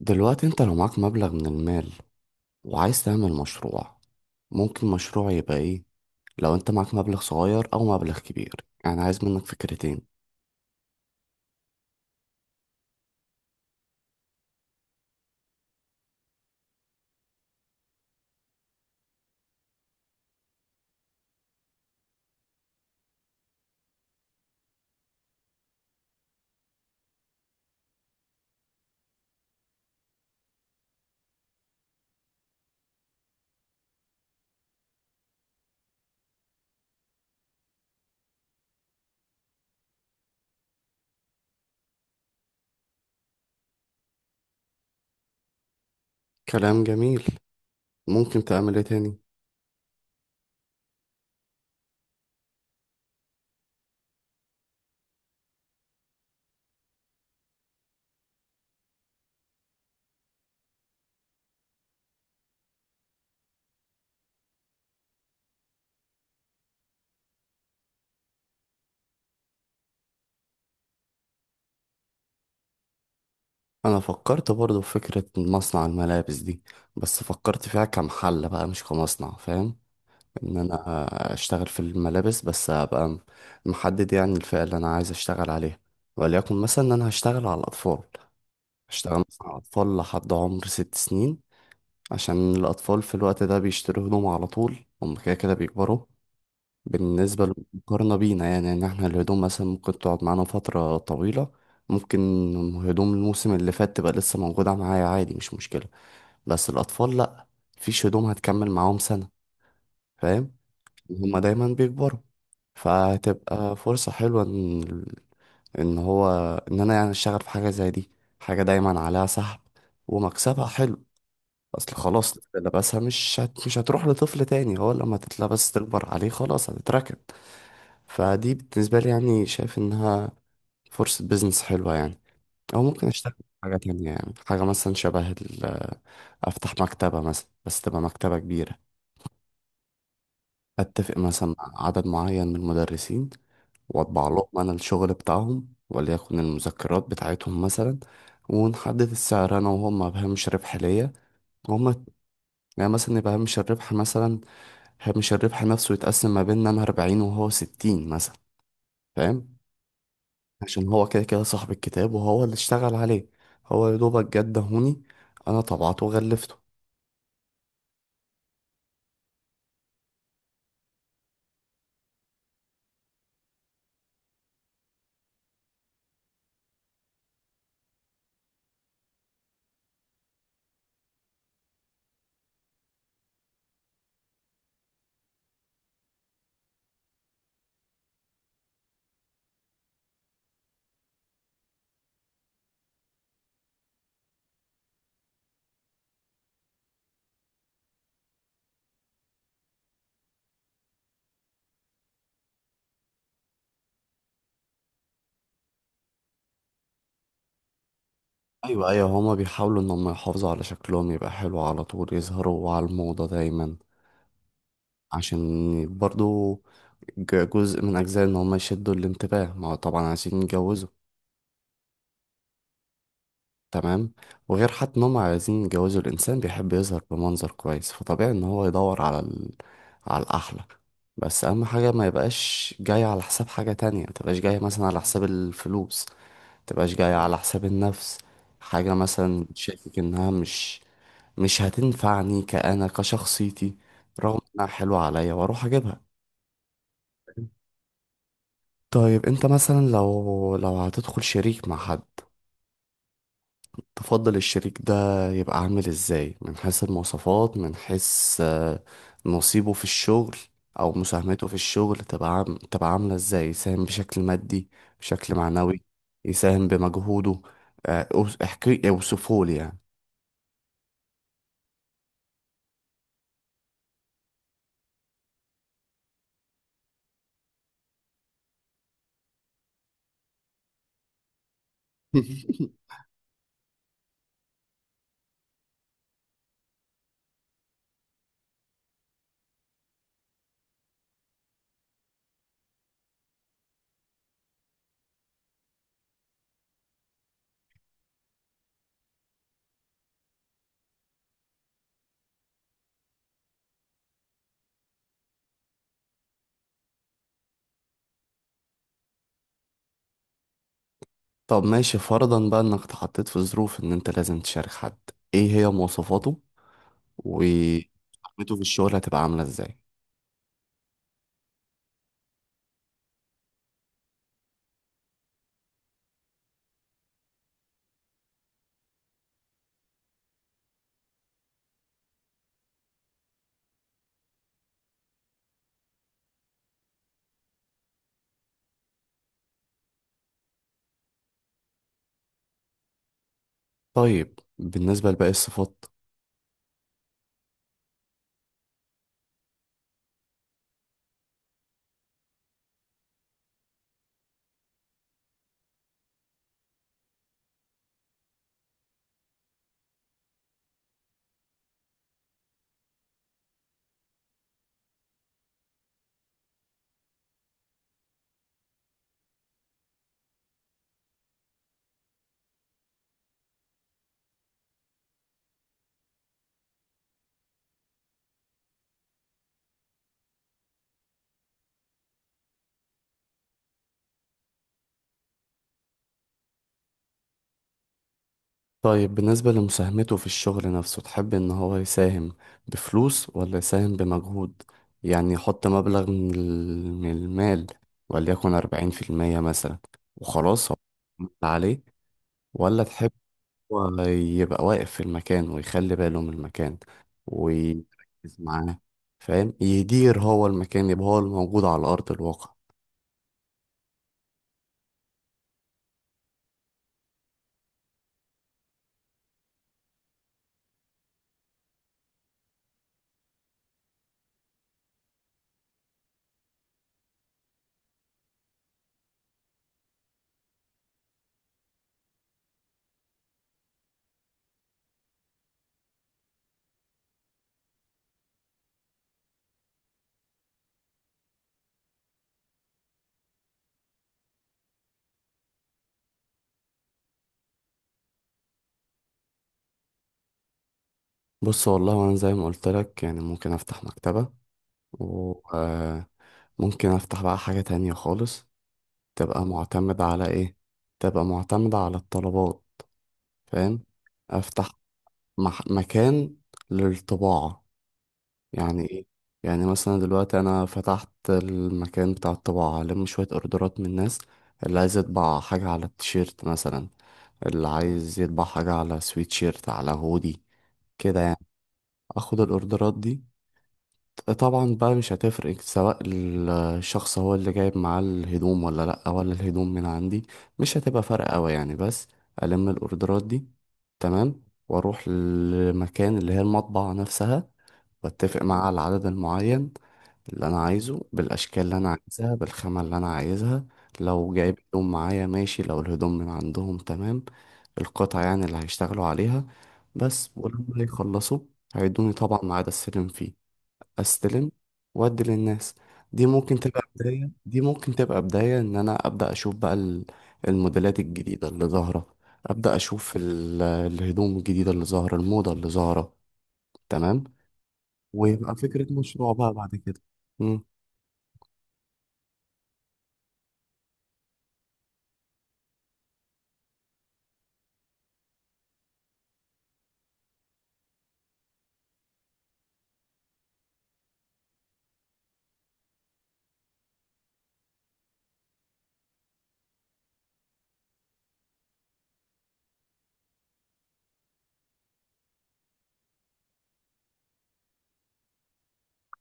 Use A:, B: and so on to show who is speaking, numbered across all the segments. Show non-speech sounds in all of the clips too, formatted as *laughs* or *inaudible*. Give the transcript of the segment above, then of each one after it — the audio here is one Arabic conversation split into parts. A: دلوقتي انت لو معاك مبلغ من المال وعايز تعمل مشروع، ممكن مشروع يبقى ايه؟ لو انت معاك مبلغ صغير او مبلغ كبير. يعني عايز منك فكرتين. كلام جميل. ممكن تعمل ايه تاني؟ انا فكرت برضو في فكرة مصنع الملابس دي، بس فكرت فيها كمحل بقى مش كمصنع. فاهم؟ ان انا اشتغل في الملابس بس ابقى محدد، يعني الفئة اللي انا عايز اشتغل عليها. وليكن مثلا ان انا هشتغل على الاطفال، هشتغل مثلا على اطفال لحد عمر 6 سنين. عشان الأطفال في الوقت ده بيشتروا هدوم على طول، هم كده كده بيكبروا. بالنسبة للمقارنة بينا، يعني إن إحنا الهدوم مثلا ممكن تقعد معانا فترة طويلة. ممكن هدوم الموسم اللي فات تبقى لسه موجودة معايا عادي، مش مشكلة. بس الأطفال لأ. مفيش هدوم هتكمل معاهم سنة. فاهم؟ هما دايما بيكبروا، فهتبقى فرصة حلوة إن هو إن أنا يعني أشتغل في حاجة زي دي. حاجة دايما عليها سحب ومكسبها حلو. اصل خلاص لبسها مش هتروح لطفل تاني، هو لما تطلع بس تكبر عليه خلاص هتتركن. فدي بالنسبة لي يعني شايف انها فرصة بيزنس حلوة يعني. او ممكن اشتغل في حاجة تانية، يعني حاجة مثلا *hesitation* افتح مكتبة مثلا، بس تبقى مكتبة كبيرة. اتفق مثلا مع عدد معين من المدرسين، واطبع لهم انا الشغل بتاعهم وليكن المذكرات بتاعتهم مثلا. ونحدد السعر انا وهم، مبهمش ربح ليا. يعني مثلا يبقى هامش الربح نفسه يتقسم ما بيننا، أنا 40 وهو 60 مثلا. فاهم؟ عشان هو كده كده صاحب الكتاب وهو اللي اشتغل عليه. هو يا دوبك جه اداهوني، أنا طبعته وغلفته. أيوة، أيوة، هما بيحاولوا إن هما يحافظوا على شكلهم يبقى حلو على طول، يظهروا على الموضة دايما. عشان برضو جزء من أجزاء إن هما يشدوا الانتباه، ما هو طبعا عايزين يتجوزوا. تمام. وغير حتى ان هم عايزين يجوزوا، الانسان بيحب يظهر بمنظر كويس، فطبيعي ان هو يدور على الاحلى. بس اهم حاجه ما يبقاش جاي على حساب حاجه تانية، ما تبقاش جاي مثلا على حساب الفلوس. ما تبقاش جاي على حساب النفس. حاجه مثلا شاكك انها مش هتنفعني كأنا كشخصيتي، رغم انها حلوه عليا واروح اجيبها. طيب، انت مثلا لو هتدخل شريك مع حد، تفضل الشريك ده يبقى عامل ازاي؟ من حيث المواصفات، من حيث نصيبه في الشغل، او مساهمته في الشغل تبقى تبقى عاملة ازاي؟ يساهم بشكل مادي، بشكل معنوي، يساهم بمجهوده. احكي اوصفه لي يعني. *laughs* طب ماشي، فرضا بقى انك اتحطيت في ظروف ان انت لازم تشارك حد، ايه هي مواصفاته؟ ومساهمته في الشغل هتبقى عاملة ازاي؟ طيب، بالنسبة لباقي الصفات؟ طيب، بالنسبة لمساهمته في الشغل نفسه، تحب إن هو يساهم بفلوس ولا يساهم بمجهود؟ يعني يحط مبلغ من المال، وليكن 40% مثلا، وخلاص هو عمل عليه. ولا تحب هو يبقى واقف في المكان ويخلي باله من المكان ويركز معاه؟ فاهم؟ يدير هو المكان، يبقى هو الموجود على أرض الواقع. بص، والله أنا زي ما قلت لك يعني ممكن أفتح مكتبة و ممكن افتح بقى حاجة تانية خالص. تبقى معتمدة على إيه؟ تبقى معتمدة على الطلبات. فاهم؟ أفتح مكان للطباعة. يعني إيه؟ يعني مثلا دلوقتي أنا فتحت المكان بتاع الطباعة، ألم شوية أوردرات من الناس اللي عايز يطبع حاجة على التيشيرت مثلا، اللي عايز يطبع حاجة على سويتشيرت، على هودي، كده يعني. أخد الأوردرات دي، طبعا بقى مش هتفرق سواء الشخص هو اللي جايب معاه الهدوم ولا لأ، ولا الهدوم من عندي، مش هتبقى فرق أوي يعني بس. ألم الأوردرات دي، تمام، وأروح للمكان اللي هي المطبعة نفسها، وأتفق معاه على العدد المعين اللي أنا عايزه، بالأشكال اللي أنا عايزها، بالخامة اللي أنا عايزها. لو جايب هدوم معايا ماشي، لو الهدوم من عندهم تمام. القطع يعني اللي هيشتغلوا عليها بس. ولما يخلصوا، هيدوني طبعا ميعاد أستلم فيه، استلم وادي للناس. دي ممكن تبقى بداية، دي ممكن تبقى بداية ان انا ابدا اشوف بقى الموديلات الجديدة اللي ظاهرة. ابدا اشوف الهدوم الجديدة اللي ظاهرة، الموضة اللي ظاهرة. تمام. ويبقى فكرة مشروع بقى بعد كده. مم.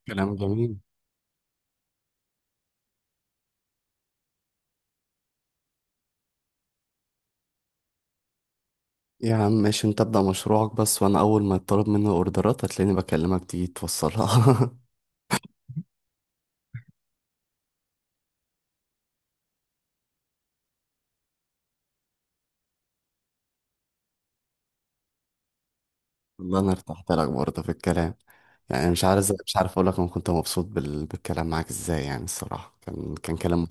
A: كلام جميل. يا عم ماشي، انت ابدا مشروعك بس، وانا اول ما يطلب مني اوردرات هتلاقيني بكلمك تيجي توصلها. *laughs* والله انا ارتحت لك برضه في الكلام، يعني مش عارف اقول لك انا كنت مبسوط بالكلام معاك ازاي، يعني الصراحة كان كلام.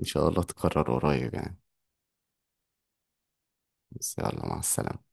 A: إن شاء الله تكرر قريب يعني. بس يلا، مع السلامة.